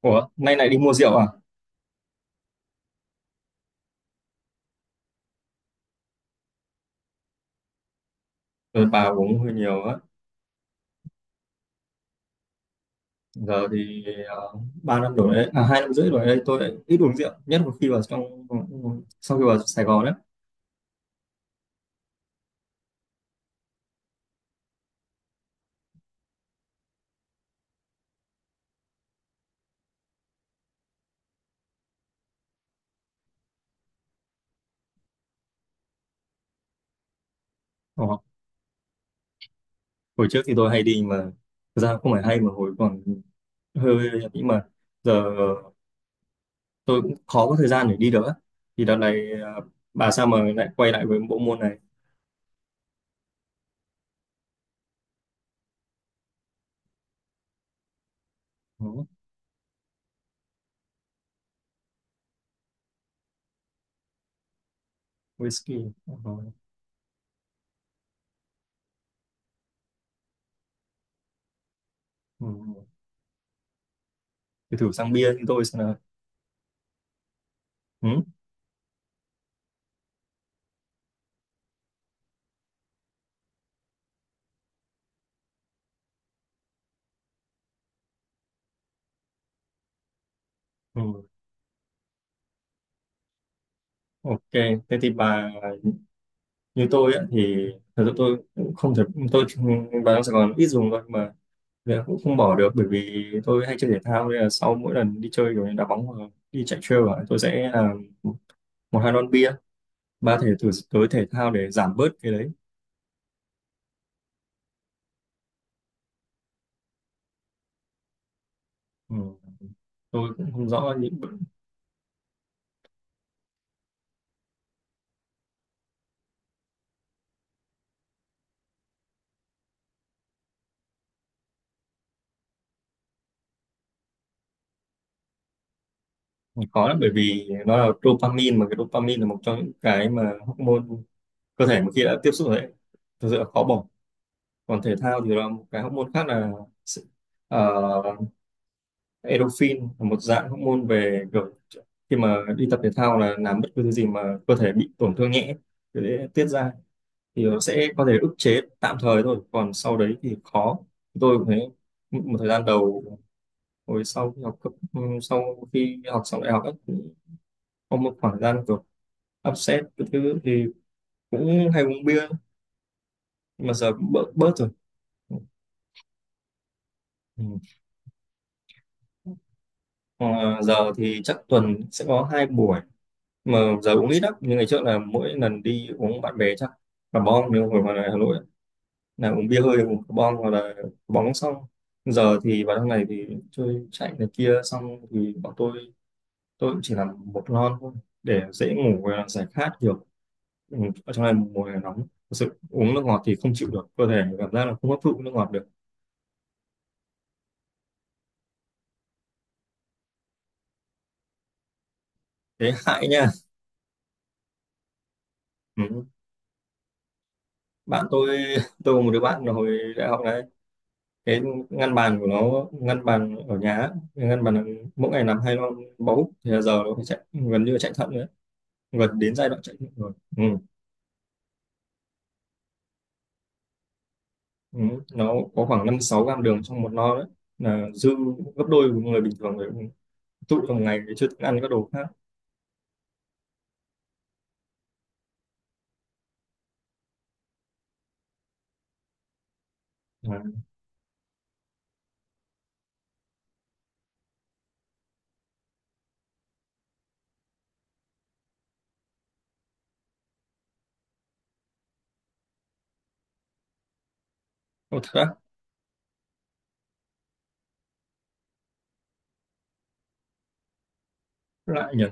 Ủa, nay này đi mua rượu à? Tôi bà uống hơi nhiều á. Giờ thì 3 năm đổ đấy, à 2 năm rưỡi rồi đấy tôi lại ít uống rượu, nhất là khi vào trong sau khi vào Sài Gòn đấy. Ồ, hồi trước thì tôi hay đi mà thực ra không phải hay mà hồi còn hơi hơi nhưng mà giờ tôi cũng khó có thời gian để đi được á. Thì đợt này à, bà sao mà lại quay lại với bộ môn này? Ừ, whisky. Ờ, ừ. Ừ. Thì thử sang bia như tôi xem nào. Ừ, ừ. Ok, thế thì bà như tôi ấy thì thật sự tôi cũng không thể tôi vào trong Sài Gòn ít dùng thôi mà giờ cũng không bỏ được bởi vì tôi hay chơi thể thao nên là sau mỗi lần đi chơi kiểu như đá bóng hoặc đi chạy trail ạ, tôi sẽ là một hai lon bia ba thể thử tới thể thao để giảm bớt cái đấy. Ừ, tôi cũng không rõ những khó lắm bởi vì nó là dopamine mà cái dopamine là một trong những cái mà hormone cơ thể một khi đã tiếp xúc rồi đấy thật sự là khó bỏ. Còn thể thao thì là một cái hormone khác là ờ, endorphin, là một dạng hormone về kiểu khi mà đi tập thể thao là làm bất cứ thứ gì mà cơ thể bị tổn thương nhẹ thì sẽ tiết ra, thì nó sẽ có thể ức chế tạm thời thôi còn sau đấy thì khó. Tôi cũng thấy một thời gian đầu hồi sau khi học sau khi học xong đại học ấy, cũng có một khoảng thời gian kiểu upset cái thứ thì cũng hay uống bia nhưng mà giờ cũng bớt bớt rồi. Ừ. Ờ, Giờ thì chắc tuần sẽ có hai buổi mà giờ uống ít lắm nhưng ngày trước là mỗi lần đi uống bạn bè chắc cà bong nhưng hồi mà ở Hà Nội ấy, là uống bia hơi uống cà bong hoặc là bóng xong. Giờ thì vào trong này thì chơi chạy này kia xong thì bọn tôi cũng chỉ làm một lon thôi để dễ ngủ và giải khát được. Ừ, ở trong này mùa hè nóng thật sự uống nước ngọt thì không chịu được, cơ thể cảm giác là không hấp thụ nước ngọt được. Thế hại nha. Ừ. Bạn tôi tôi có một đứa bạn là hồi đại học này, cái ngăn bàn của nó, ngăn bàn ở nhà á, cái ngăn bàn là mỗi ngày làm hai lon bóng thì là giờ nó phải chạy gần như là chạy thận nữa, gần đến giai đoạn chạy thận rồi. Ừ. Ừ. Nó có khoảng 5-6 gram đường trong một lon đấy, là dư gấp đôi của người bình thường rồi, tụ trong ngày thì chưa ăn các đồ khác. À, ô, thật á. Lại nhỉ.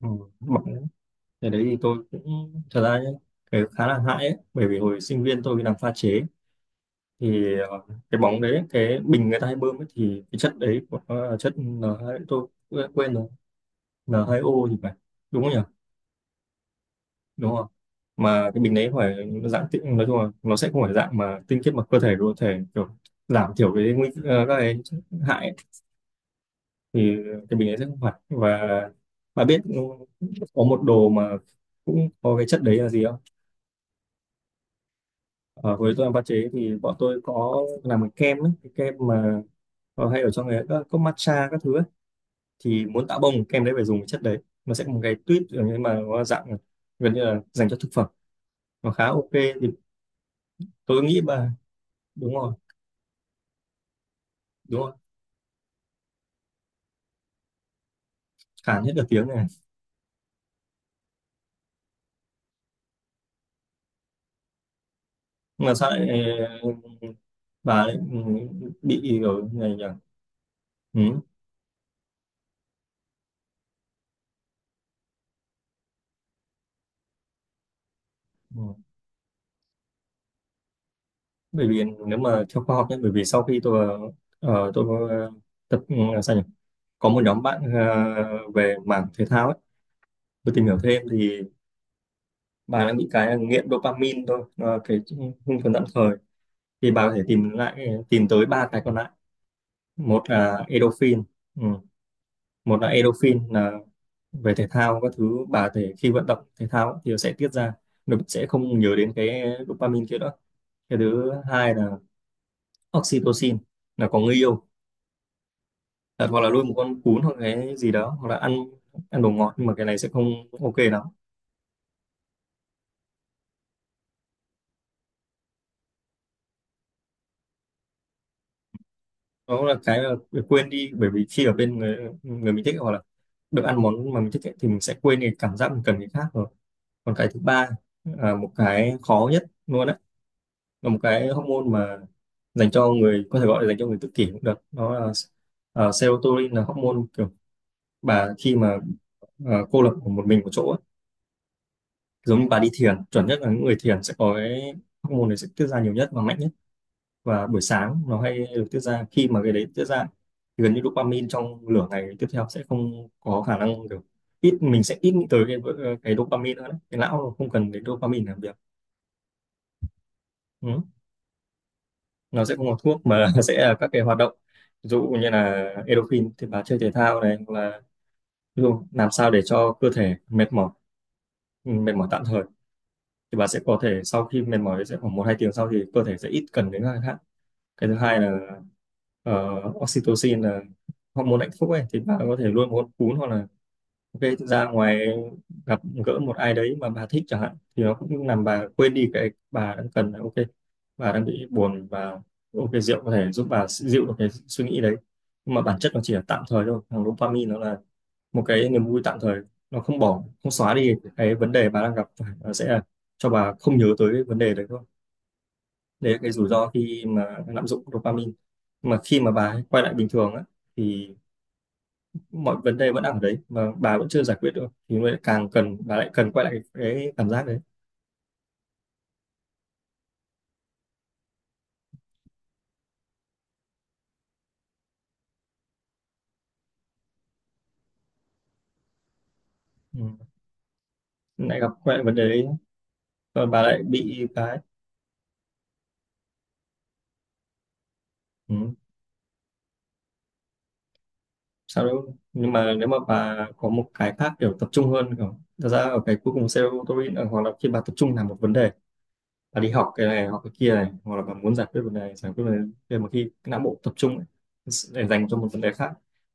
Ừ. Bảo, thế đấy thì tôi cũng thật ra nhé, cái khá là hại ấy bởi vì hồi sinh viên tôi đi làm pha chế thì cái bóng đấy cái bình người ta hay bơm ấy, thì cái chất đấy của nó là chất N2 tôi quên quên rồi, N2O thì phải, đúng không nhỉ? Đúng không? Mà cái bình đấy phải dạng tinh, nói chung là nó sẽ không phải dạng mà tinh khiết mà cơ thể có thể kiểu giảm thiểu cái các cái chất hại ấy. Thì cái bình đấy sẽ không phải và bà biết có một đồ mà cũng có cái chất đấy là gì không? Ở với tôi làm pha chế thì bọn tôi có làm cái kem ấy, cái kem mà hay ở trong cái các cốc matcha các thứ ấy, thì muốn tạo bông kem đấy phải dùng cái chất đấy. Nó sẽ có một cái tuyết nhưng mà nó dạng gần như là dành cho thực phẩm, nó khá ok thì tôi nghĩ bà đúng rồi, đúng rồi. Cản hết cả tiếng này. Nhưng mà sao lại ờ, bà lại bị ở này nhỉ? Ừ. Ừ. Bởi vì nếu mà theo khoa học nhé, bởi vì sau khi tôi ờ, tôi ờ, tập sao nhỉ, có một nhóm bạn về mảng thể thao ấy tôi tìm hiểu thêm thì bà đang bị cái là nghiện dopamine thôi. Ờ, cái hưng phấn tạm thời thì bà có thể tìm lại tìm tới ba cái còn lại. Một là endorphin. Ừ. Một là endorphin là về thể thao các thứ, bà có thể khi vận động thể thao thì sẽ tiết ra, nó sẽ không nhớ đến cái dopamine kia nữa. Cái thứ hai là oxytocin, là có người yêu. Thật, hoặc là nuôi một con cún hoặc cái gì đó hoặc là ăn ăn đồ ngọt, nhưng mà cái này sẽ không ok lắm. Đó là cái là quên đi, bởi vì khi ở bên người, người mình thích hoặc là được ăn món mà mình thích ấy, thì mình sẽ quên cái cảm giác mình cần cái khác rồi. Còn cái thứ ba là một cái khó nhất luôn á, là một cái hormone mà dành cho người có thể gọi là dành cho người tự kỷ cũng được, đó là serotonin, là hormone kiểu bà khi mà cô lập một mình một chỗ á, giống như bà đi thiền, chuẩn nhất là những người thiền sẽ có cái hormone này sẽ tiết ra nhiều nhất và mạnh nhất. Và buổi sáng nó hay được tiết ra, khi mà cái đấy tiết ra thì gần như dopamine trong nửa ngày tiếp theo sẽ không có khả năng kiểu, ít mình sẽ ít nghĩ tới cái dopamine nữa đấy. Cái não không cần đến dopamine làm việc. Ừ. Nó sẽ không có thuốc mà sẽ là các cái hoạt động, ví dụ như là endorphin thì bà chơi thể thao này hoặc là ví dụ làm sao để cho cơ thể mệt mỏi, ừ, mệt mỏi tạm thời thì bà sẽ có thể sau khi mệt mỏi sẽ khoảng một hai tiếng sau thì cơ thể sẽ ít cần đến các cái khác. Cái thứ hai là ờ, oxytocin là hormone hạnh phúc ấy, thì bà có thể luôn muốn cún hoặc là ok, thực ra ngoài gặp gỡ một ai đấy mà bà thích chẳng hạn thì nó cũng làm bà quên đi cái bà đang cần. Là ok bà đang bị buồn và ok rượu có thể giúp bà dịu được cái suy nghĩ đấy, nhưng mà bản chất nó chỉ là tạm thời thôi, thằng dopamine nó là một cái niềm vui tạm thời, nó không bỏ không xóa đi cái vấn đề bà đang gặp phải, nó sẽ là cho bà không nhớ tới cái vấn đề đấy thôi. Đấy là cái rủi ro khi mà lạm dụng dopamine. Mà khi mà bà quay lại bình thường á thì mọi vấn đề vẫn ở đấy mà bà vẫn chưa giải quyết được thì mới càng cần, bà lại cần quay lại cái cảm giác đấy. Ừ. Lại gặp quay lại vấn đề đấy và bà lại bị cái. Ừ. Sao đâu, nhưng mà nếu mà bà có một cái khác kiểu tập trung hơn, kiểu thật ra ở cái cuối cùng serotonin là- hoặc là khi bà tập trung làm một vấn đề, bà đi học cái này học cái kia này hoặc là bà muốn giải quyết vấn đề này giải quyết vấn đề, để mà khi cái não bộ tập trung ấy, để dành cho một vấn đề khác,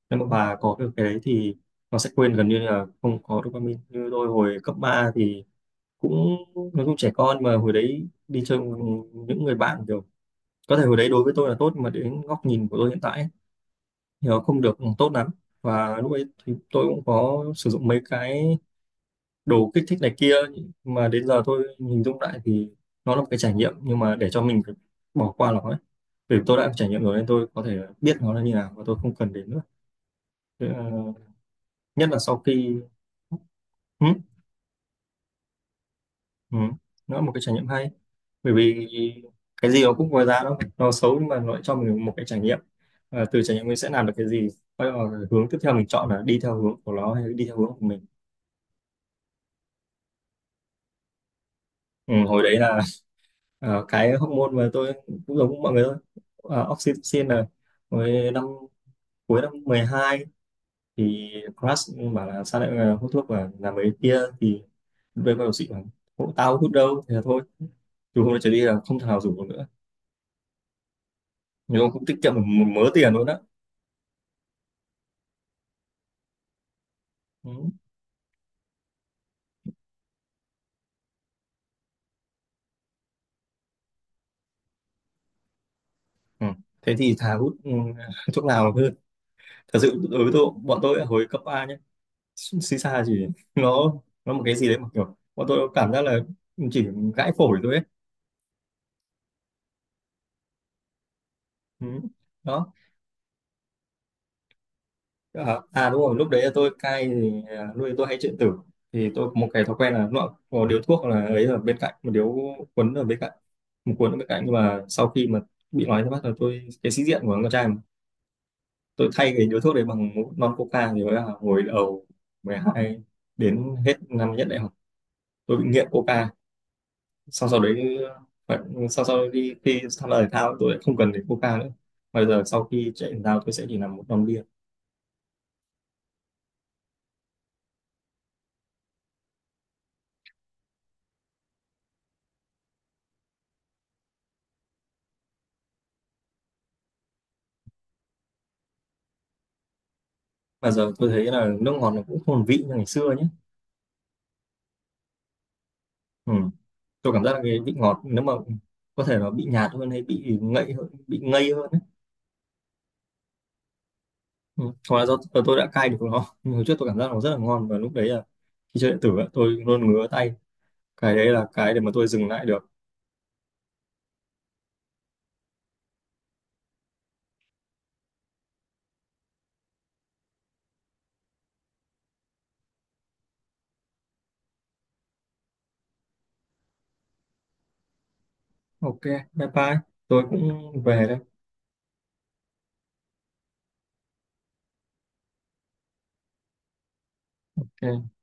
nếu mà bà có được cái đấy thì nó sẽ quên gần như là không có dopamine. Như tôi hồi cấp 3 thì cũng, nó cũng trẻ con mà, hồi đấy đi chơi cùng những người bạn kiểu có thể hồi đấy đối với tôi là tốt mà đến góc nhìn của tôi hiện tại ấy, thì nó không được tốt lắm. Và lúc ấy thì tôi cũng có sử dụng mấy cái đồ kích thích này kia mà đến giờ tôi hình dung lại thì nó là một cái trải nghiệm, nhưng mà để cho mình phải bỏ qua nó ấy, vì tôi đã trải nghiệm rồi nên tôi có thể biết nó là như nào và tôi không cần đến nữa. Thế là- nhất là sau khi, ừ, ừ, nó là một cái trải nghiệm hay, bởi vì cái gì nó cũng có giá, đâu nó xấu, nhưng mà nó lại cho mình một cái trải nghiệm. Và từ trải nghiệm mình sẽ làm được cái gì. Bắt đầu là hướng tiếp theo mình chọn là đi theo hướng của nó hay đi theo hướng của mình. Ừ, hồi đấy là cái hormone mà tôi cũng giống mọi người thôi. Ờ, oxytocin là hồi năm cuối 12 thì crush bảo là sao lại hút thuốc và làm mấy kia thì với bác sĩ bảo, "Ủa, tao hút đâu thế là thôi từ hôm nay trở đi là không thằng nào rủ nữa." Nhưng mà cũng tiết kiệm được một mớ tiền luôn á. Ừ. Ừ. Thế thì thà hút thuốc lào hơn. Thật sự đối với tôi, bọn tôi ở hồi cấp 3 nhé, xì xa chỉ nó nó một cái gì đấy mà kiểu bọn tôi cảm giác là chỉ gãi phổi thôi ấy. Ừ. Đó. À, à đúng rồi, lúc đấy là tôi cai thì à, nuôi tôi hay chuyện tử thì tôi có một cái thói quen là nó có điếu thuốc là ấy ở bên cạnh một điếu quấn ở bên cạnh một cuốn ở bên cạnh nhưng mà sau khi mà bị nói ra mắt là tôi cái sĩ diện của con trai tôi thay cái điếu thuốc đấy bằng một lon coca thì là hồi đầu 12 đến hết năm nhất đại học tôi bị nghiện coca. Sau sau đấy phải, sau sau đi khi tham gia thể thao tôi lại không cần đến coca nữa. Bây giờ sau khi chạy thể thao tôi sẽ chỉ làm một lon bia. Mà giờ tôi thấy là nước ngọt nó cũng không còn vị như ngày xưa nhé. Ừ. Tôi cảm giác là cái vị ngọt nếu mà có thể nó bị nhạt hơn hay bị ngậy hơn bị ngây hơn ấy. Ừ. Hoặc là do tôi đã cai được nó, nhưng hồi trước tôi cảm giác nó rất là ngon và lúc đấy là khi chơi điện tử á, tôi luôn ngứa tay, cái đấy là cái để mà tôi dừng lại được. Ok, bye bye, tôi cũng về đây. Ok.